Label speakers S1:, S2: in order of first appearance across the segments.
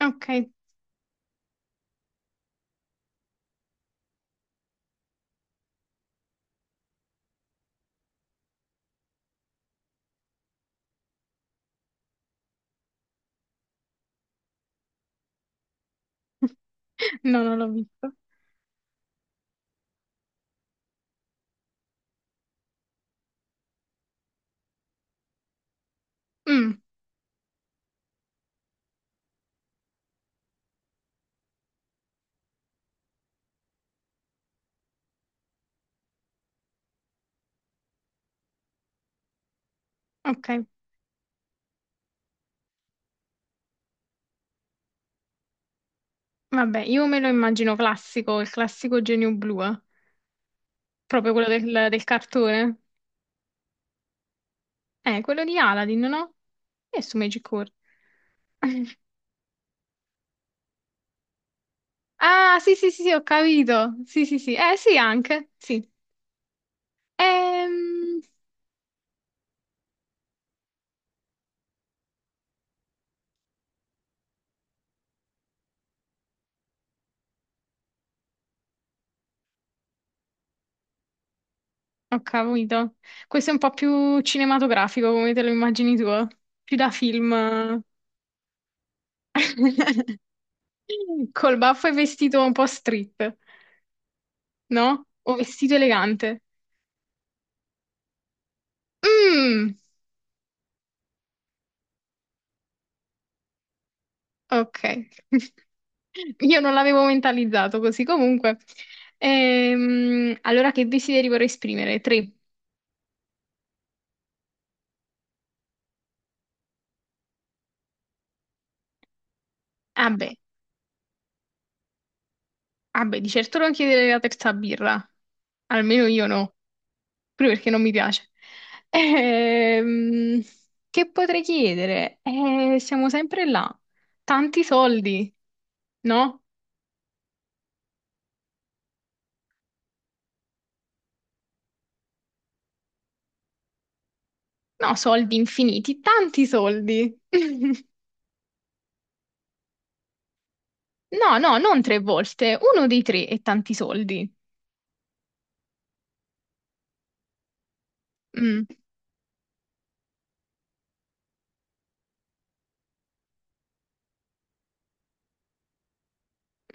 S1: Ok, no, non l'ho visto. Mm, ok, vabbè, io me lo immagino classico, il classico genio blu, eh. Proprio quello del cartone. Quello di Aladdin, no? Che è su Magic World? Ah, sì, sì, sì, sì, ho capito. Sì, sì, sì. Sì, anche, sì. Ehm, Ho capito. Questo è un po' più cinematografico, come te lo immagini tu, eh? Più da film. Eh. Col baffo e vestito un po' street, no? O vestito elegante. Mm. Ok. Io non l'avevo mentalizzato così. Comunque, allora che desideri vorrei esprimere? Tre. Ah beh, ah beh, di certo non chiedere la terza birra. Almeno io no, proprio perché non mi piace. Ehm, che potrei chiedere? Siamo sempre là. Tanti soldi, no? No, soldi infiniti, tanti soldi. No, no, non tre volte, uno dei tre e tanti soldi. Mm.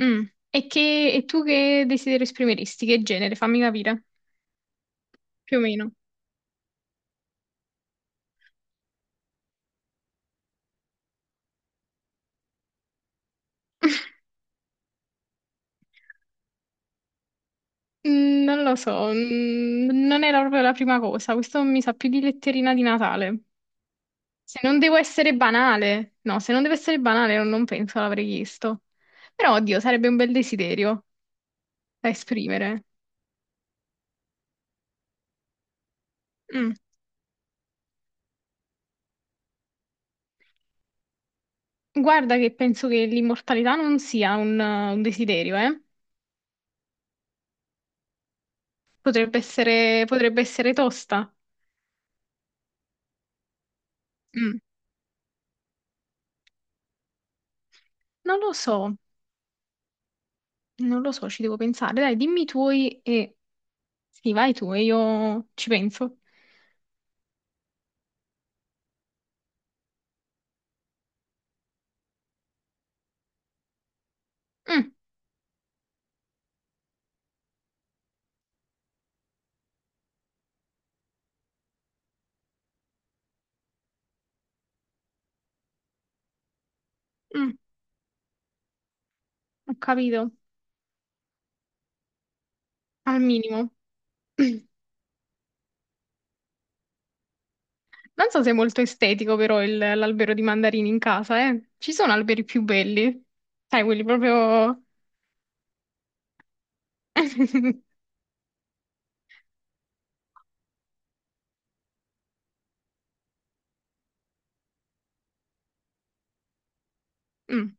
S1: Mm. E tu che desiderio esprimeresti? Che genere? Fammi capire, più o meno. Mm, non lo so, non era proprio la prima cosa. Questo mi sa più di letterina di Natale. Se non devo essere banale, no, se non deve essere banale, non penso l'avrei chiesto. Però, oddio, sarebbe un bel desiderio da esprimere. Mm. Guarda che penso che l'immortalità non sia un desiderio, eh? Potrebbe essere tosta. Mm. Non lo so. Non lo so, ci devo pensare. Dai, dimmi i tuoi e. Sì, vai tu e io ci penso. Mm, mm, ho capito, al minimo. Non so se è molto estetico però l'albero di mandarini in casa, eh. Ci sono alberi più belli. Sai, quelli proprio. Mm,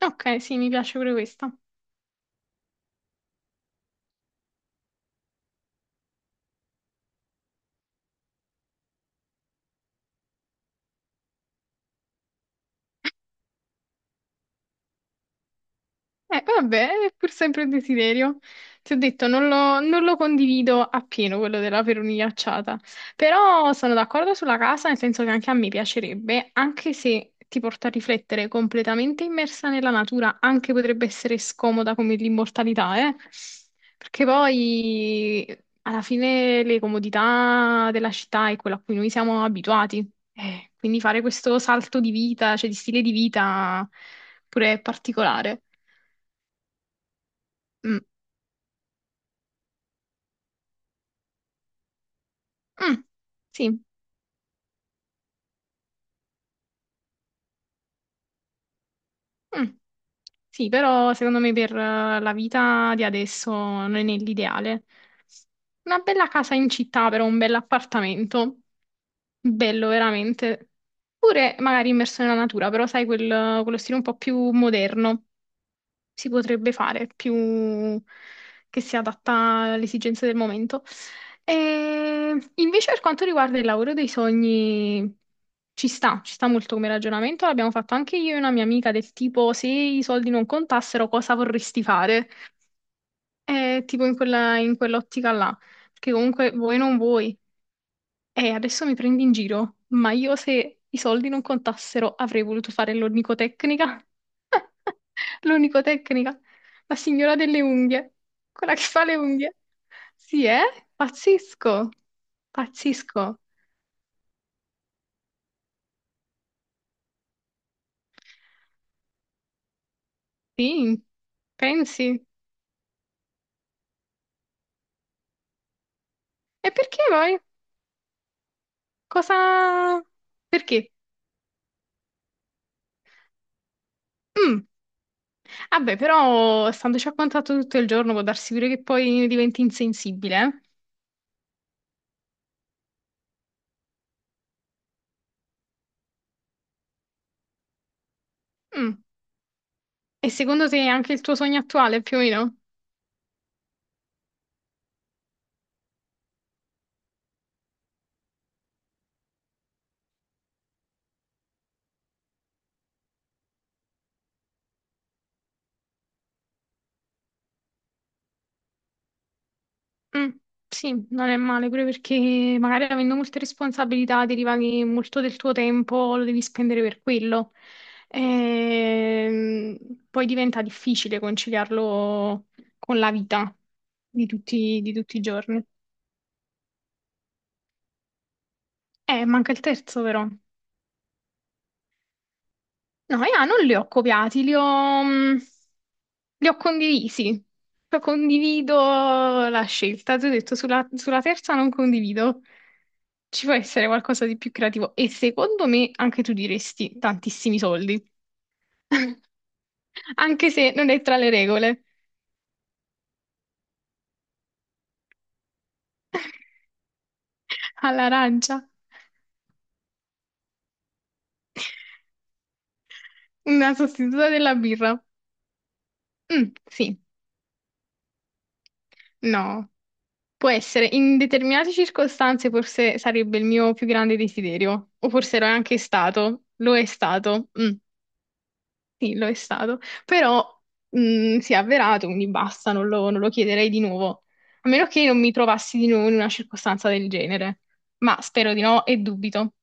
S1: ok, sì, mi piace pure questa. Vabbè, è pur sempre un desiderio. Ti ho detto, non lo condivido appieno quello della perunia acciata, però sono d'accordo sulla casa, nel senso che anche a me piacerebbe, anche se ti porta a riflettere completamente immersa nella natura, anche potrebbe essere scomoda come l'immortalità, eh? Perché poi alla fine le comodità della città è quello a cui noi siamo abituati. Quindi fare questo salto di vita, cioè di stile di vita, pure è particolare. Mm, mm, sì, mm. Sì, però secondo me per la vita di adesso non è l'ideale. Una bella casa in città, però un bell'appartamento, bello veramente. Pure magari immerso nella natura, però sai, quello stile un po' più moderno si potrebbe fare, più che si adatta alle esigenze del momento. E invece per quanto riguarda il lavoro dei sogni, ci sta molto come ragionamento, l'abbiamo fatto anche io e una mia amica del tipo se i soldi non contassero cosa vorresti fare? Tipo in quell'ottica là, perché comunque vuoi non vuoi. Adesso mi prendi in giro, ma io se i soldi non contassero avrei voluto fare l'onicotecnica. L'onicotecnica, la signora delle unghie, quella che fa le unghie. Sì, eh? Pazzesco, pazzesco. Sì, pensi? E perché poi? Cosa. Perché? Mm. Vabbè, però standoci a contatto tutto il giorno può darsi pure che poi diventi insensibile. Eh? Mm. E secondo te anche il tuo sogno attuale, più o meno? Mm, sì, non è male, pure perché magari avendo molte responsabilità deriva che molto del tuo tempo lo devi spendere per quello. Ehm, poi diventa difficile conciliarlo con la vita di tutti i giorni. Manca il terzo però. No, io non li ho copiati, li ho condivisi. Cioè, condivido la scelta, ti ho detto, sulla terza non condivido. Ci può essere qualcosa di più creativo e secondo me anche tu diresti tantissimi soldi, anche se non è tra le regole. All'arancia, una sostituta della birra. Mm, sì, no, può essere. In determinate circostanze forse sarebbe il mio più grande desiderio, o forse lo è anche stato, lo è stato. Mm. Sì, lo è stato, però si è avverato, quindi basta, non lo chiederei di nuovo, a meno che non mi trovassi di nuovo in una circostanza del genere, ma spero di no e dubito.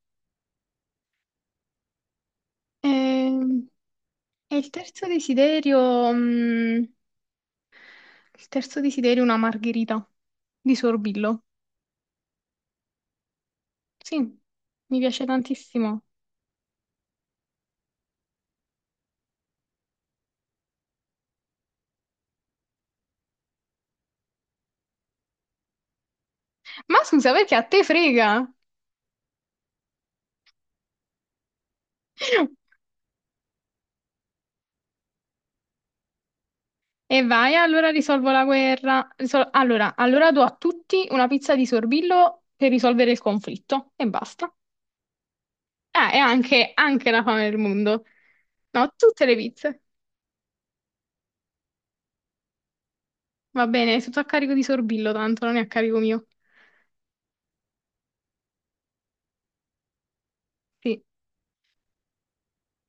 S1: Ehm, E, il terzo desiderio, mh, il terzo desiderio è una margherita di Sorbillo. Sì, mi piace tantissimo. Ma scusa, perché a te frega? E vai, allora risolvo la guerra. Allora do a tutti una pizza di sorbillo per risolvere il conflitto e basta. Ah, e anche la fame del mondo. No, tutte le pizze. Va bene, è tutto a carico di sorbillo, tanto non è a carico mio. Sì.